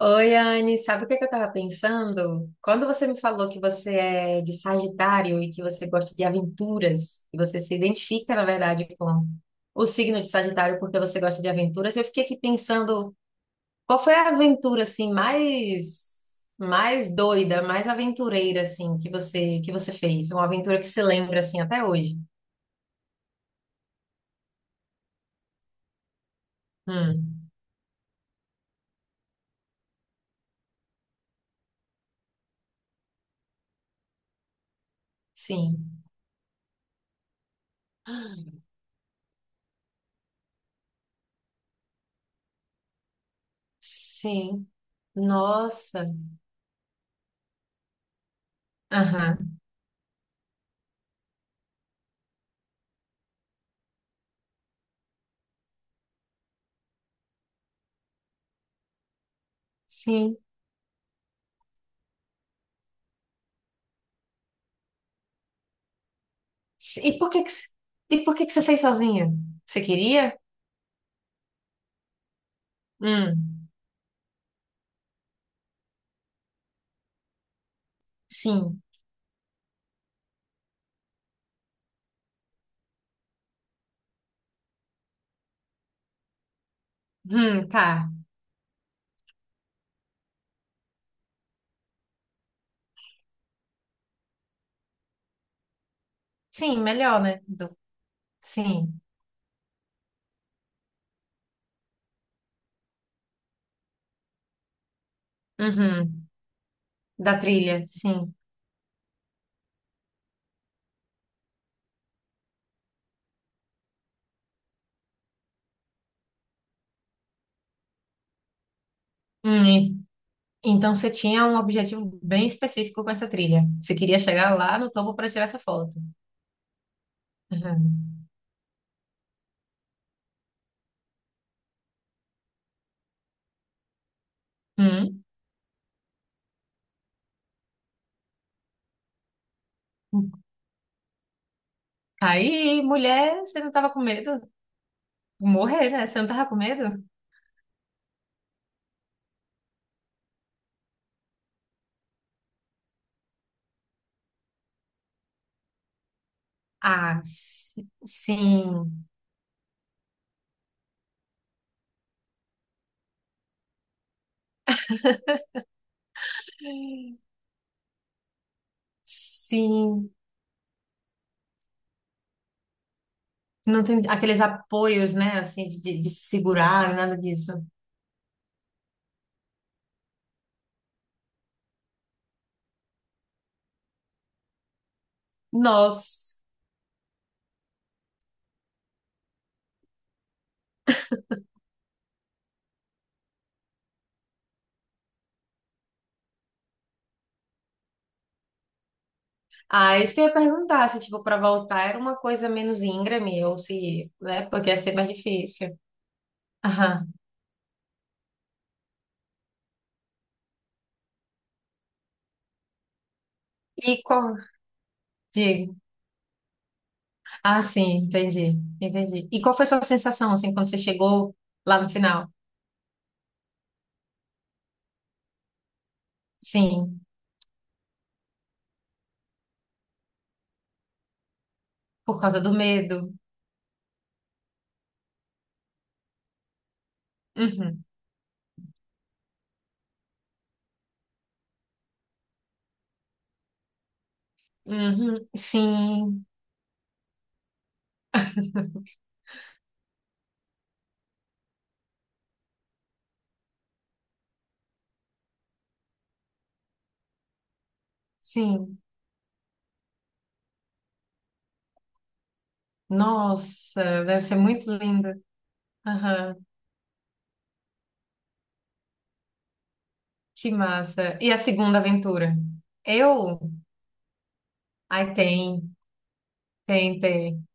Oi, Anne, sabe o que que eu tava pensando? Quando você me falou que você é de Sagitário e que você gosta de aventuras, e você se identifica, na verdade, com o signo de Sagitário porque você gosta de aventuras, eu fiquei aqui pensando, qual foi a aventura assim mais doida, mais aventureira assim que você fez? Uma aventura que se lembra assim até hoje? Hum, sim. Sim. Nossa. Aham. Sim. E por que que, c- e por que que você fez sozinha? Você queria? Hum, sim. Tá. Sim, melhor, né? Sim. Uhum. Da trilha, sim. Hum, e- então você tinha um objetivo bem específico com essa trilha. Você queria chegar lá no topo para tirar essa foto. Uhum. Hum. Aí, mulher, você não tava com medo de morrer, né? Você não tava com medo? Ah, sim. Sim. Não tem aqueles apoios, né, assim, de, de se segurar, nada disso. Nossa. Ah, isso que eu ia perguntar, se, tipo, para voltar era uma coisa menos íngreme, ou se, né, porque ia ser mais difícil. Aham. E qual... Digo. Ah, sim, entendi, entendi. E qual foi a sua sensação, assim, quando você chegou lá no final? Sim, por causa do medo. Uhum, uhum, sim, sim. Nossa, deve ser muito lindo. Aham. Que massa. E a segunda aventura? Eu? Ai, tem, tem, tem.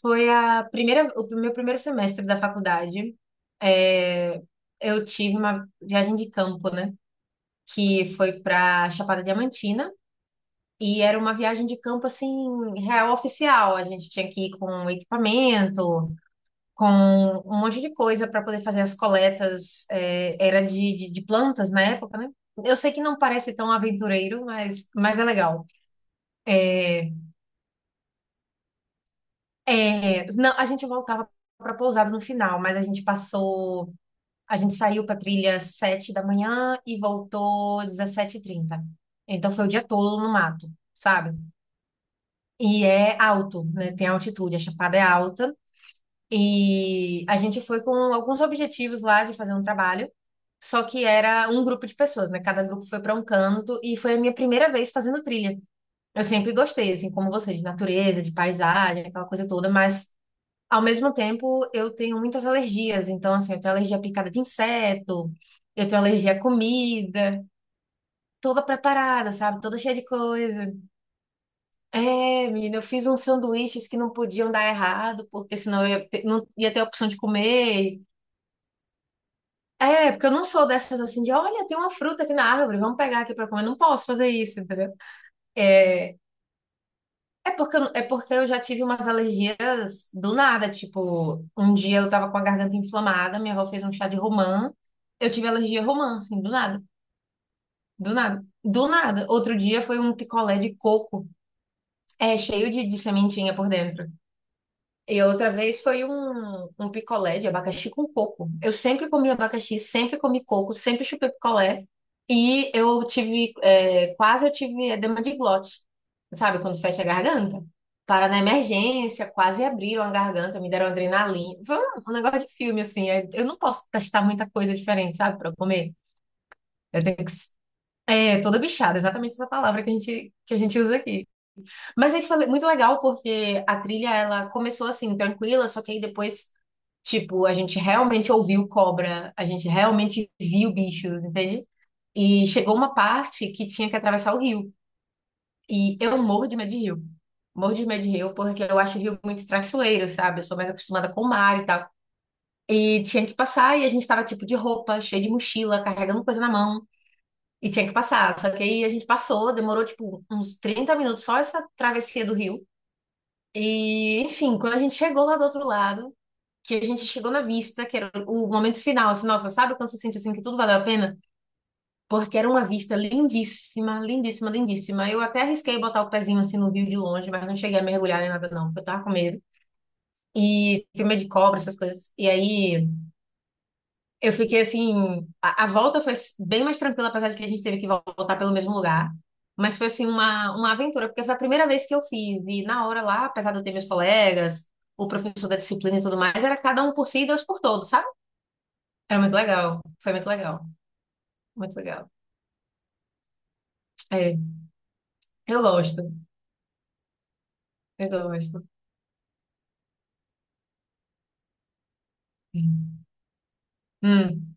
Foi a primeira, o meu primeiro semestre da faculdade. É, eu tive uma viagem de campo, né? Que foi para Chapada Diamantina. E era uma viagem de campo, assim, real oficial. A gente tinha que ir com equipamento, com um monte de coisa para poder fazer as coletas. Era de, de plantas na época, né? Eu sei que não parece tão aventureiro, mas é legal. É, é, não, a gente voltava para pousada no final, mas a gente passou, a gente saiu para trilha 7 da manhã e voltou 17:30. Então foi o dia todo no mato, sabe? E é alto, né? Tem altitude, a chapada é alta. E a gente foi com alguns objetivos lá de fazer um trabalho, só que era um grupo de pessoas, né? Cada grupo foi para um canto e foi a minha primeira vez fazendo trilha. Eu sempre gostei, assim, como você, de natureza, de paisagem, aquela coisa toda, mas ao mesmo tempo, eu tenho muitas alergias. Então, assim, eu tenho alergia à picada de inseto, eu tenho alergia à comida, toda preparada, sabe? Toda cheia de coisa. É, menina, eu fiz uns sanduíches que não podiam dar errado, porque senão eu ia ter, não ia ter a opção de comer. É, porque eu não sou dessas assim de, olha, tem uma fruta aqui na árvore, vamos pegar aqui pra comer. Eu não posso fazer isso, entendeu? é é porque eu já tive umas alergias do nada. Tipo, um dia eu tava com a garganta inflamada, minha avó fez um chá de romã. Eu tive alergia a romã, assim, do nada. Do nada. Do nada. Outro dia foi um picolé de coco, cheio de sementinha por dentro. E outra vez foi um picolé de abacaxi com coco. Eu sempre comi abacaxi, sempre comi coco, sempre chupei picolé. E eu tive, quase eu tive edema de glote, sabe? Quando fecha a garganta. Para na emergência, quase abriram a garganta, me deram adrenalina. Foi um negócio de filme, assim. Eu não posso testar muita coisa diferente, sabe? Para comer. Eu tenho que. É, toda bichada, exatamente essa palavra que a gente usa aqui. Mas aí foi muito legal porque a trilha ela começou assim tranquila, só que aí depois tipo a gente realmente ouviu cobra, a gente realmente viu bichos, entende? E chegou uma parte que tinha que atravessar o rio e eu morro de medo de rio, morro de medo de rio porque eu acho o rio muito traiçoeiro, sabe? Eu sou mais acostumada com o mar e tal. E tinha que passar e a gente tava tipo de roupa, cheio de mochila, carregando coisa na mão. E tinha que passar, só que aí a gente passou, demorou tipo uns 30 minutos só essa travessia do rio. E, enfim, quando a gente chegou lá do outro lado, que a gente chegou na vista, que era o momento final, assim, nossa, sabe quando você sente assim que tudo valeu a pena? Porque era uma vista lindíssima, lindíssima, lindíssima. Eu até arrisquei botar o pezinho assim no rio de longe, mas não cheguei a mergulhar nem nada, não, porque eu tava com medo. E tenho medo de cobra, essas coisas. E aí. Eu fiquei assim. A volta foi bem mais tranquila, apesar de que a gente teve que voltar pelo mesmo lugar. Mas foi assim uma aventura, porque foi a primeira vez que eu fiz. E na hora lá, apesar de eu ter meus colegas, o professor da disciplina e tudo mais, era cada um por si e Deus por todos, sabe? Era muito legal. Foi muito legal. Muito legal. É, eu gosto. Eu gosto. Hum.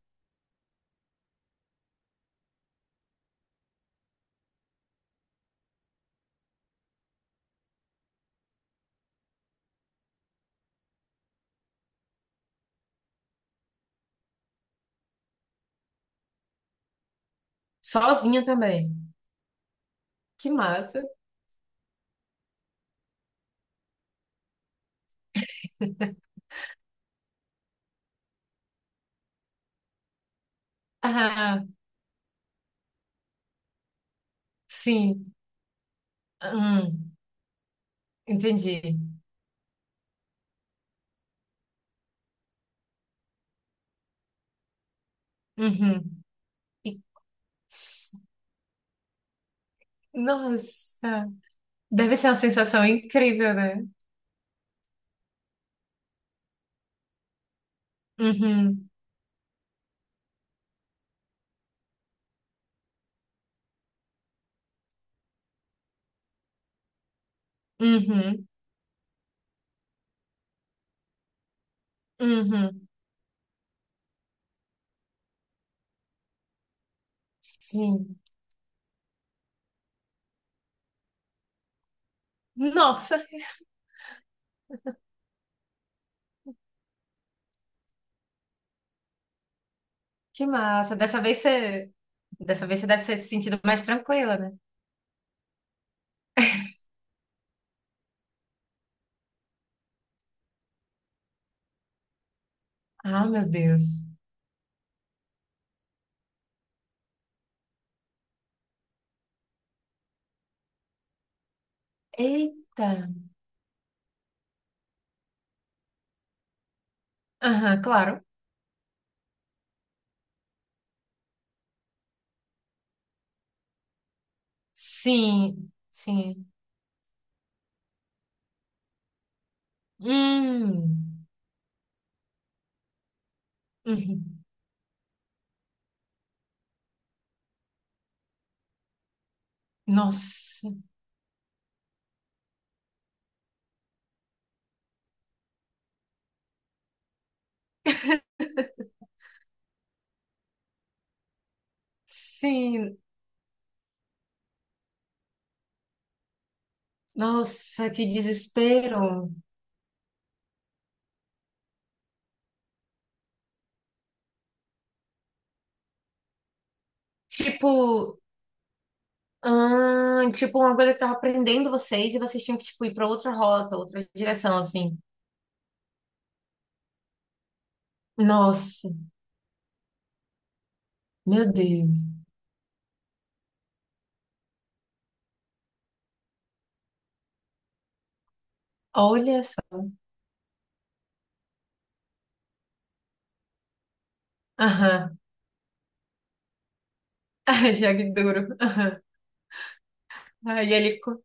Sozinha também. Que massa. Ah, sim. Hum, entendi. Uhum. E- Nossa. Deve ser uma sensação incrível, né? Uhum, uhum, uhum. Sim. Nossa, que massa. Dessa vez você deve ter se sentido mais tranquila, né? Ah, meu Deus. Eita. Aham, claro. Sim, sim. Hum, uhum. Nossa, sim. Nossa, que desespero. Tipo, tipo uma coisa que tava prendendo vocês e vocês tinham que tipo ir para outra rota, outra direção, assim. Nossa, meu Deus. Olha só. Aham. Ah, jogue duro. Aí ele. co-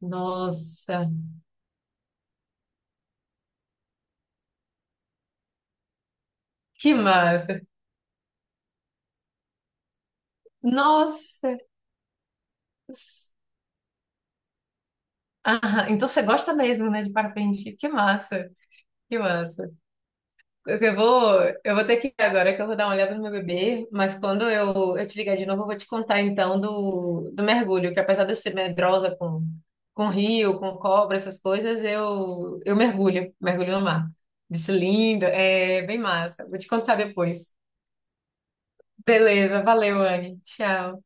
Nossa, que massa. Nossa. Aham. Então você gosta mesmo, né, de parapente? Que massa. Que massa. Eu vou ter que ir agora, que eu vou dar uma olhada no meu bebê, mas quando eu te ligar de novo, eu vou te contar então do mergulho, que apesar de eu ser medrosa com rio, com cobra, essas coisas, eu mergulho, mergulho no mar. Isso lindo, é bem massa. Vou te contar depois. Beleza, valeu, Anne. Tchau.